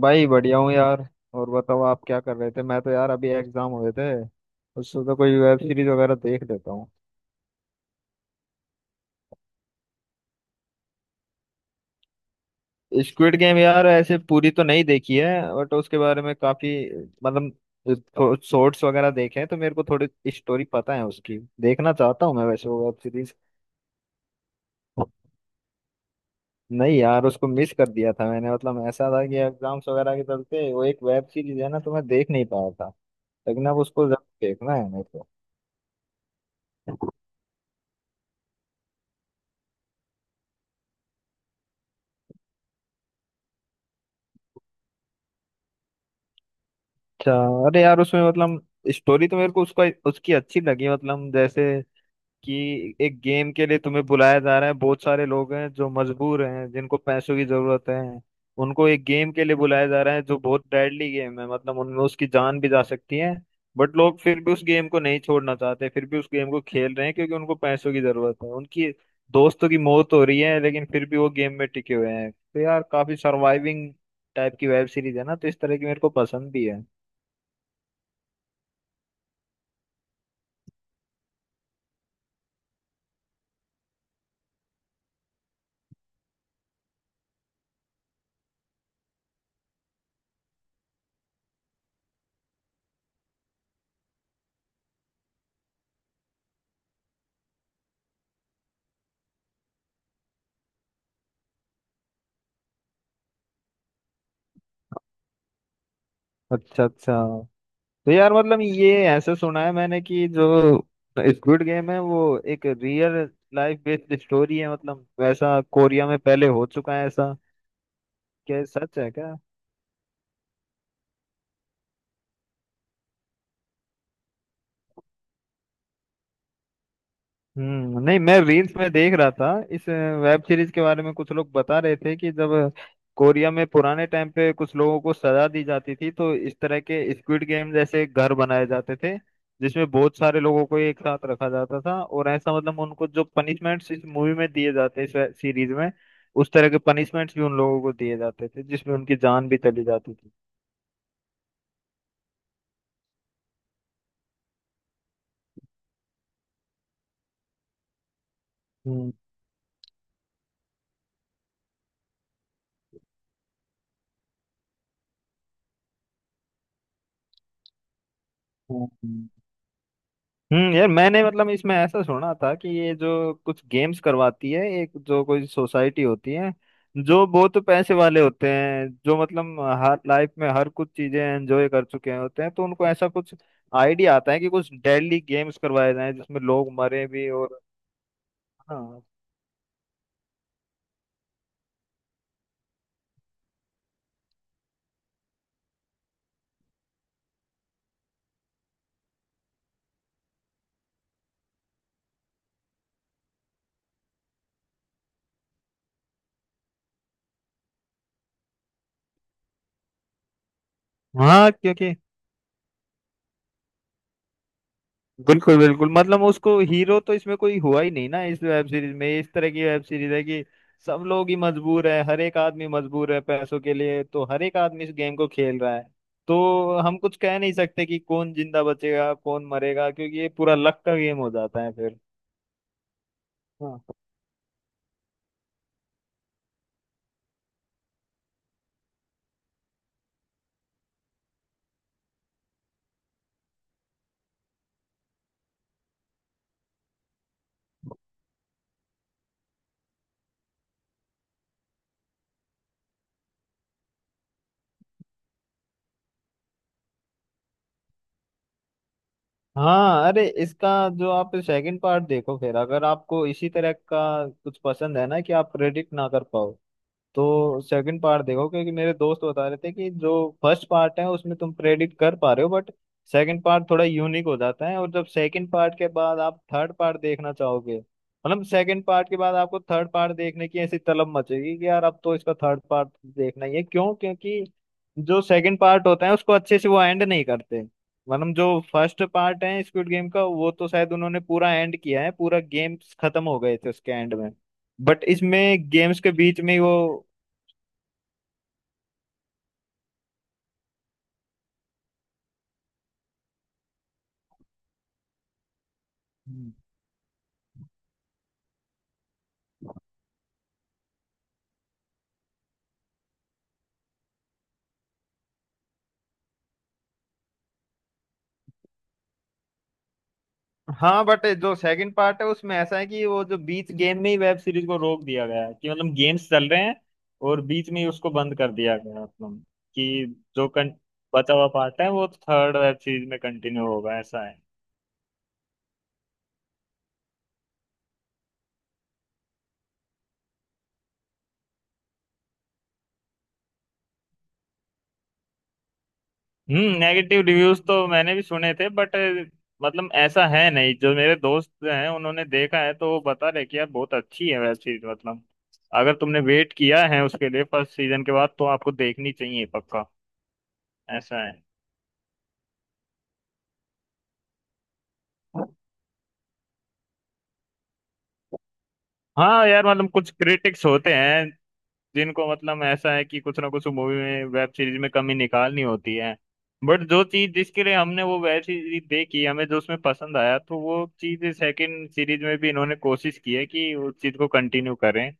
भाई बढ़िया हूँ यार। और बताओ आप क्या कर रहे थे? मैं तो यार अभी एग्जाम हुए थे। उससे तो कोई वेब सीरीज वगैरह देख लेता हूँ। स्क्विड गेम यार ऐसे पूरी तो नहीं देखी है बट उसके बारे में काफी, मतलब शॉर्ट्स वगैरह देखे हैं, तो मेरे को थोड़ी स्टोरी पता है उसकी। देखना चाहता हूँ मैं वैसे वो वेब सीरीज। नहीं यार, उसको मिस कर दिया था मैंने। मतलब ऐसा था कि एग्जाम्स वगैरह के चलते, वो एक वेब सीरीज है ना, तो मैं देख नहीं पाया था। लेकिन अब उसको जरूर देखना है मेरे को। अच्छा। अरे यार, उसमें मतलब स्टोरी तो मेरे को उसका उसकी अच्छी लगी। मतलब जैसे कि एक गेम के लिए तुम्हें बुलाया जा रहा है, बहुत सारे लोग हैं जो मजबूर हैं, जिनको पैसों की जरूरत है। उनको एक गेम के लिए बुलाया जा रहा है जो बहुत डेडली गेम है, मतलब उनमें उसकी जान भी जा सकती है। बट लोग फिर भी उस गेम को नहीं छोड़ना चाहते, फिर भी उस गेम को खेल रहे हैं क्योंकि उनको पैसों की जरूरत है। उनकी दोस्तों की मौत हो रही है लेकिन फिर भी वो गेम में टिके हुए हैं। तो यार काफी सर्वाइविंग टाइप की वेब सीरीज है ना, तो इस तरह की मेरे को पसंद भी है। अच्छा अच्छा। तो यार मतलब ये ऐसे सुना है मैंने कि जो स्क्विड गेम है वो एक रियल लाइफ बेस्ड स्टोरी है। मतलब वैसा कोरिया में पहले हो चुका है ऐसा? क्या ये सच है क्या? नहीं, मैं रील्स में देख रहा था इस वेब सीरीज के बारे में। कुछ लोग बता रहे थे कि जब कोरिया में पुराने टाइम पे कुछ लोगों को सजा दी जाती थी तो इस तरह के स्क्विड गेम जैसे घर बनाए जाते थे, जिसमें बहुत सारे लोगों को एक साथ रखा जाता था। और ऐसा, मतलब उनको जो पनिशमेंट्स इस मूवी में दिए जाते हैं, इस सीरीज में, उस तरह के पनिशमेंट्स भी उन लोगों को दिए जाते थे, जिसमें उनकी जान भी चली जाती थी। हम्म। हम्म, हम्म। यार मैंने मतलब इसमें ऐसा सुना था कि ये जो कुछ गेम्स करवाती है, एक जो कोई सोसाइटी होती है जो बहुत पैसे वाले होते हैं, जो मतलब हर लाइफ में हर कुछ चीजें एंजॉय कर चुके होते हैं, तो उनको ऐसा कुछ आइडिया आता है कि कुछ डेली गेम्स करवाए जाएं जिसमें लोग मरे भी और। हाँ। हाँ क्योंकि बिल्कुल बिल्कुल, मतलब उसको हीरो तो इसमें कोई हुआ ही नहीं ना। इस वेब सीरीज में, इस तरह की वेब सीरीज है कि सब लोग ही मजबूर है, हर एक आदमी मजबूर है पैसों के लिए, तो हर एक आदमी इस गेम को खेल रहा है। तो हम कुछ कह नहीं सकते कि कौन जिंदा बचेगा, कौन मरेगा, क्योंकि ये पूरा लक का गेम हो जाता है फिर। हाँ हाँ। अरे इसका, जो आप सेकंड पार्ट देखो, फिर अगर आपको इसी तरह का कुछ पसंद है ना कि आप प्रेडिक्ट ना कर पाओ, तो सेकंड पार्ट देखो। क्योंकि मेरे दोस्त बता रहे थे कि जो फर्स्ट पार्ट है उसमें तुम प्रेडिक्ट कर पा रहे हो बट सेकंड पार्ट थोड़ा यूनिक हो जाता है। और जब सेकंड पार्ट के बाद आप थर्ड पार्ट देखना चाहोगे, मतलब सेकंड पार्ट के बाद आपको थर्ड पार्ट देखने की ऐसी तलब मचेगी कि यार अब तो इसका थर्ड पार्ट देखना ही है। क्यों? क्योंकि जो सेकंड पार्ट होता है उसको अच्छे से वो एंड नहीं करते। मतलब जो फर्स्ट पार्ट है स्क्विड गेम का, वो तो शायद उन्होंने पूरा एंड किया है, पूरा गेम्स खत्म हो गए थे उसके एंड में। बट इसमें गेम्स के बीच में ही वो। हम्म। हाँ, बट जो सेकंड पार्ट है उसमें ऐसा है कि वो जो बीच गेम में ही वेब सीरीज को रोक दिया गया है। कि मतलब गेम्स चल रहे हैं और बीच में ही उसको बंद कर दिया गया है, मतलब कि जो बचा हुआ पार्ट है वो थर्ड वेब सीरीज में कंटिन्यू होगा, ऐसा है। नेगेटिव रिव्यूज तो मैंने भी सुने थे, बट मतलब ऐसा है नहीं। जो मेरे दोस्त हैं उन्होंने देखा है, तो वो बता रहे कि यार बहुत अच्छी है वेब सीरीज। मतलब अगर तुमने वेट किया है उसके लिए फर्स्ट सीजन के बाद, तो आपको देखनी चाहिए पक्का। ऐसा है। हाँ यार मतलब कुछ क्रिटिक्स होते हैं जिनको, मतलब ऐसा है कि कुछ ना कुछ मूवी में वेब सीरीज में कमी निकालनी होती है। बट जो चीज जिसके लिए हमने वो वेब सीरीज देखी, हमें जो उसमें पसंद आया, तो वो चीज सेकंड सीरीज में भी इन्होंने कोशिश की है कि उस चीज को कंटिन्यू करें।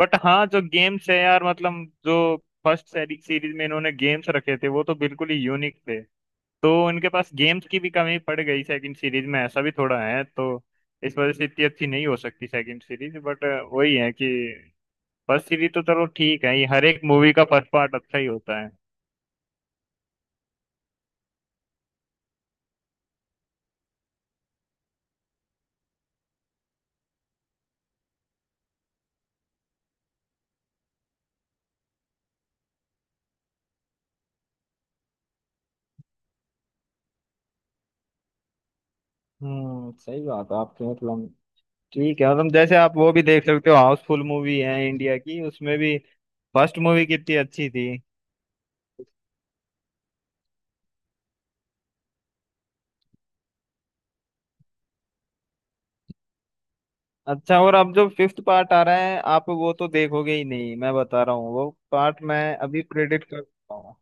बट हाँ, जो गेम्स है यार, मतलब जो फर्स्ट सीरीज में इन्होंने गेम्स रखे थे वो तो बिल्कुल ही यूनिक थे। तो उनके पास गेम्स की भी कमी पड़ गई सेकंड सीरीज में, ऐसा भी थोड़ा है। तो इस वजह से इतनी अच्छी नहीं हो सकती सेकंड सीरीज। बट वही है कि फर्स्ट सीरीज तो चलो ठीक है, ये हर एक मूवी का फर्स्ट पार्ट अच्छा ही होता है। सही बात है आपकी। मतलब ठीक है, मतलब जैसे आप वो भी देख सकते हो, हाउसफुल मूवी है इंडिया की, उसमें भी फर्स्ट मूवी कितनी अच्छी थी। अच्छा, और अब जो फिफ्थ पार्ट आ रहा है आप वो तो देखोगे ही नहीं, मैं बता रहा हूँ। वो पार्ट मैं अभी प्रेडिक्ट कर रहा हूँ।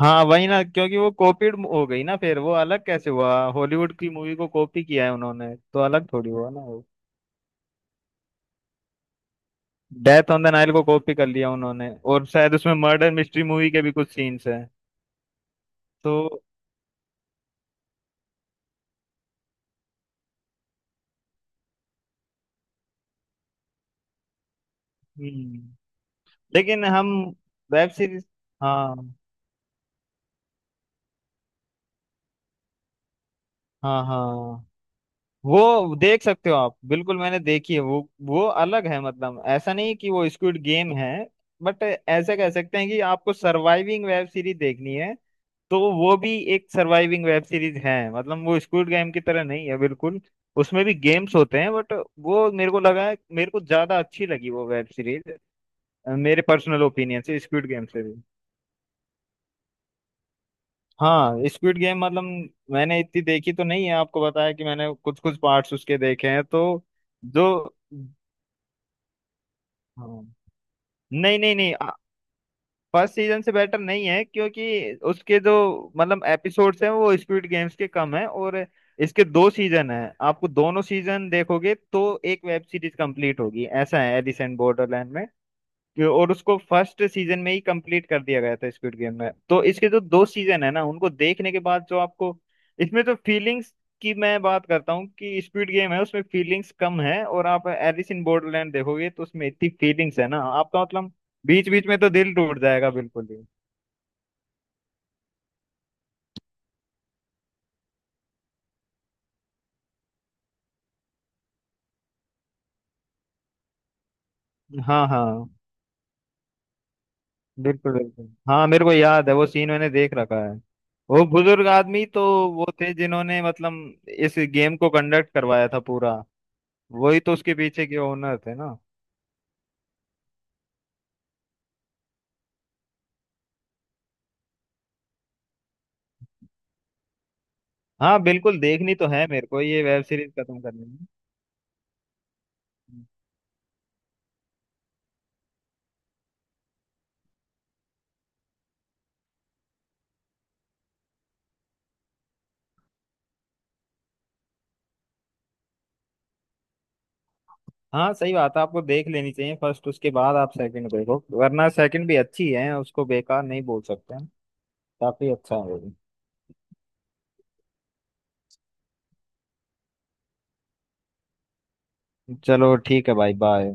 हाँ वही ना, क्योंकि वो कॉपीड हो गई ना, फिर वो अलग कैसे हुआ? हॉलीवुड की मूवी को कॉपी किया है उन्होंने, तो अलग थोड़ी हुआ ना वो। डेथ ऑन द नाइल को कॉपी कर लिया उन्होंने, और शायद उसमें मर्डर मिस्ट्री मूवी के भी कुछ सीन्स हैं तो। हम्म। लेकिन हम वेब सीरीज हाँ। हाँ हाँ। वो देख सकते हो आप, बिल्कुल मैंने देखी है वो। वो अलग है, मतलब ऐसा नहीं कि वो स्क्विड गेम है, बट ऐसा कह सकते हैं कि आपको सर्वाइविंग वेब सीरीज देखनी है तो वो भी एक सर्वाइविंग वेब सीरीज है। मतलब वो स्क्विड गेम की तरह नहीं है बिल्कुल। उसमें भी गेम्स होते हैं, बट वो मेरे को लगा है, मेरे को ज्यादा अच्छी लगी वो वेब सीरीज। मेरे पर्सनल ओपिनियन से स्क्विड गेम से भी। हाँ, स्क्विड गेम मतलब मैंने इतनी देखी तो नहीं है, आपको बताया कि मैंने कुछ कुछ पार्ट्स उसके देखे हैं तो। जो हाँ। नहीं नहीं नहीं, फर्स्ट सीजन से बेटर नहीं है, क्योंकि उसके जो, मतलब एपिसोड्स हैं वो स्क्विड गेम्स के कम हैं। और इसके दो सीजन हैं, आपको दोनों सीजन देखोगे तो एक वेब सीरीज कंप्लीट होगी ऐसा है एलिसेंट बॉर्डरलैंड में। और उसको फर्स्ट सीजन में ही कंप्लीट कर दिया गया था स्quid गेम में। तो इसके जो दो सीजन है ना, उनको देखने के बाद जो आपको, इसमें तो फीलिंग्स की मैं बात करता हूँ कि स्क्विड गेम है उसमें फीलिंग्स कम है, और आप एलिस इन बॉर्डरलैंड देखोगे तो उसमें इतनी फीलिंग्स है ना आपका, मतलब बीच बीच में तो दिल टूट जाएगा बिल्कुल ही। हाँ हाँ। बिल्कुल बिल्कुल, हाँ मेरे को याद है, वो सीन मैंने देख रखा है। वो बुजुर्ग आदमी तो वो थे जिन्होंने मतलब इस गेम को कंडक्ट करवाया था पूरा। वही तो उसके पीछे के ओनर थे ना। हाँ बिल्कुल, देखनी तो है मेरे को ये वेब सीरीज खत्म करनी है। हाँ सही बात है, आपको देख लेनी चाहिए फर्स्ट, उसके बाद आप सेकंड देखो। वरना सेकंड भी अच्छी है, उसको बेकार नहीं बोल सकते हैं, काफी अच्छा है वो भी। चलो ठीक है भाई, बाय।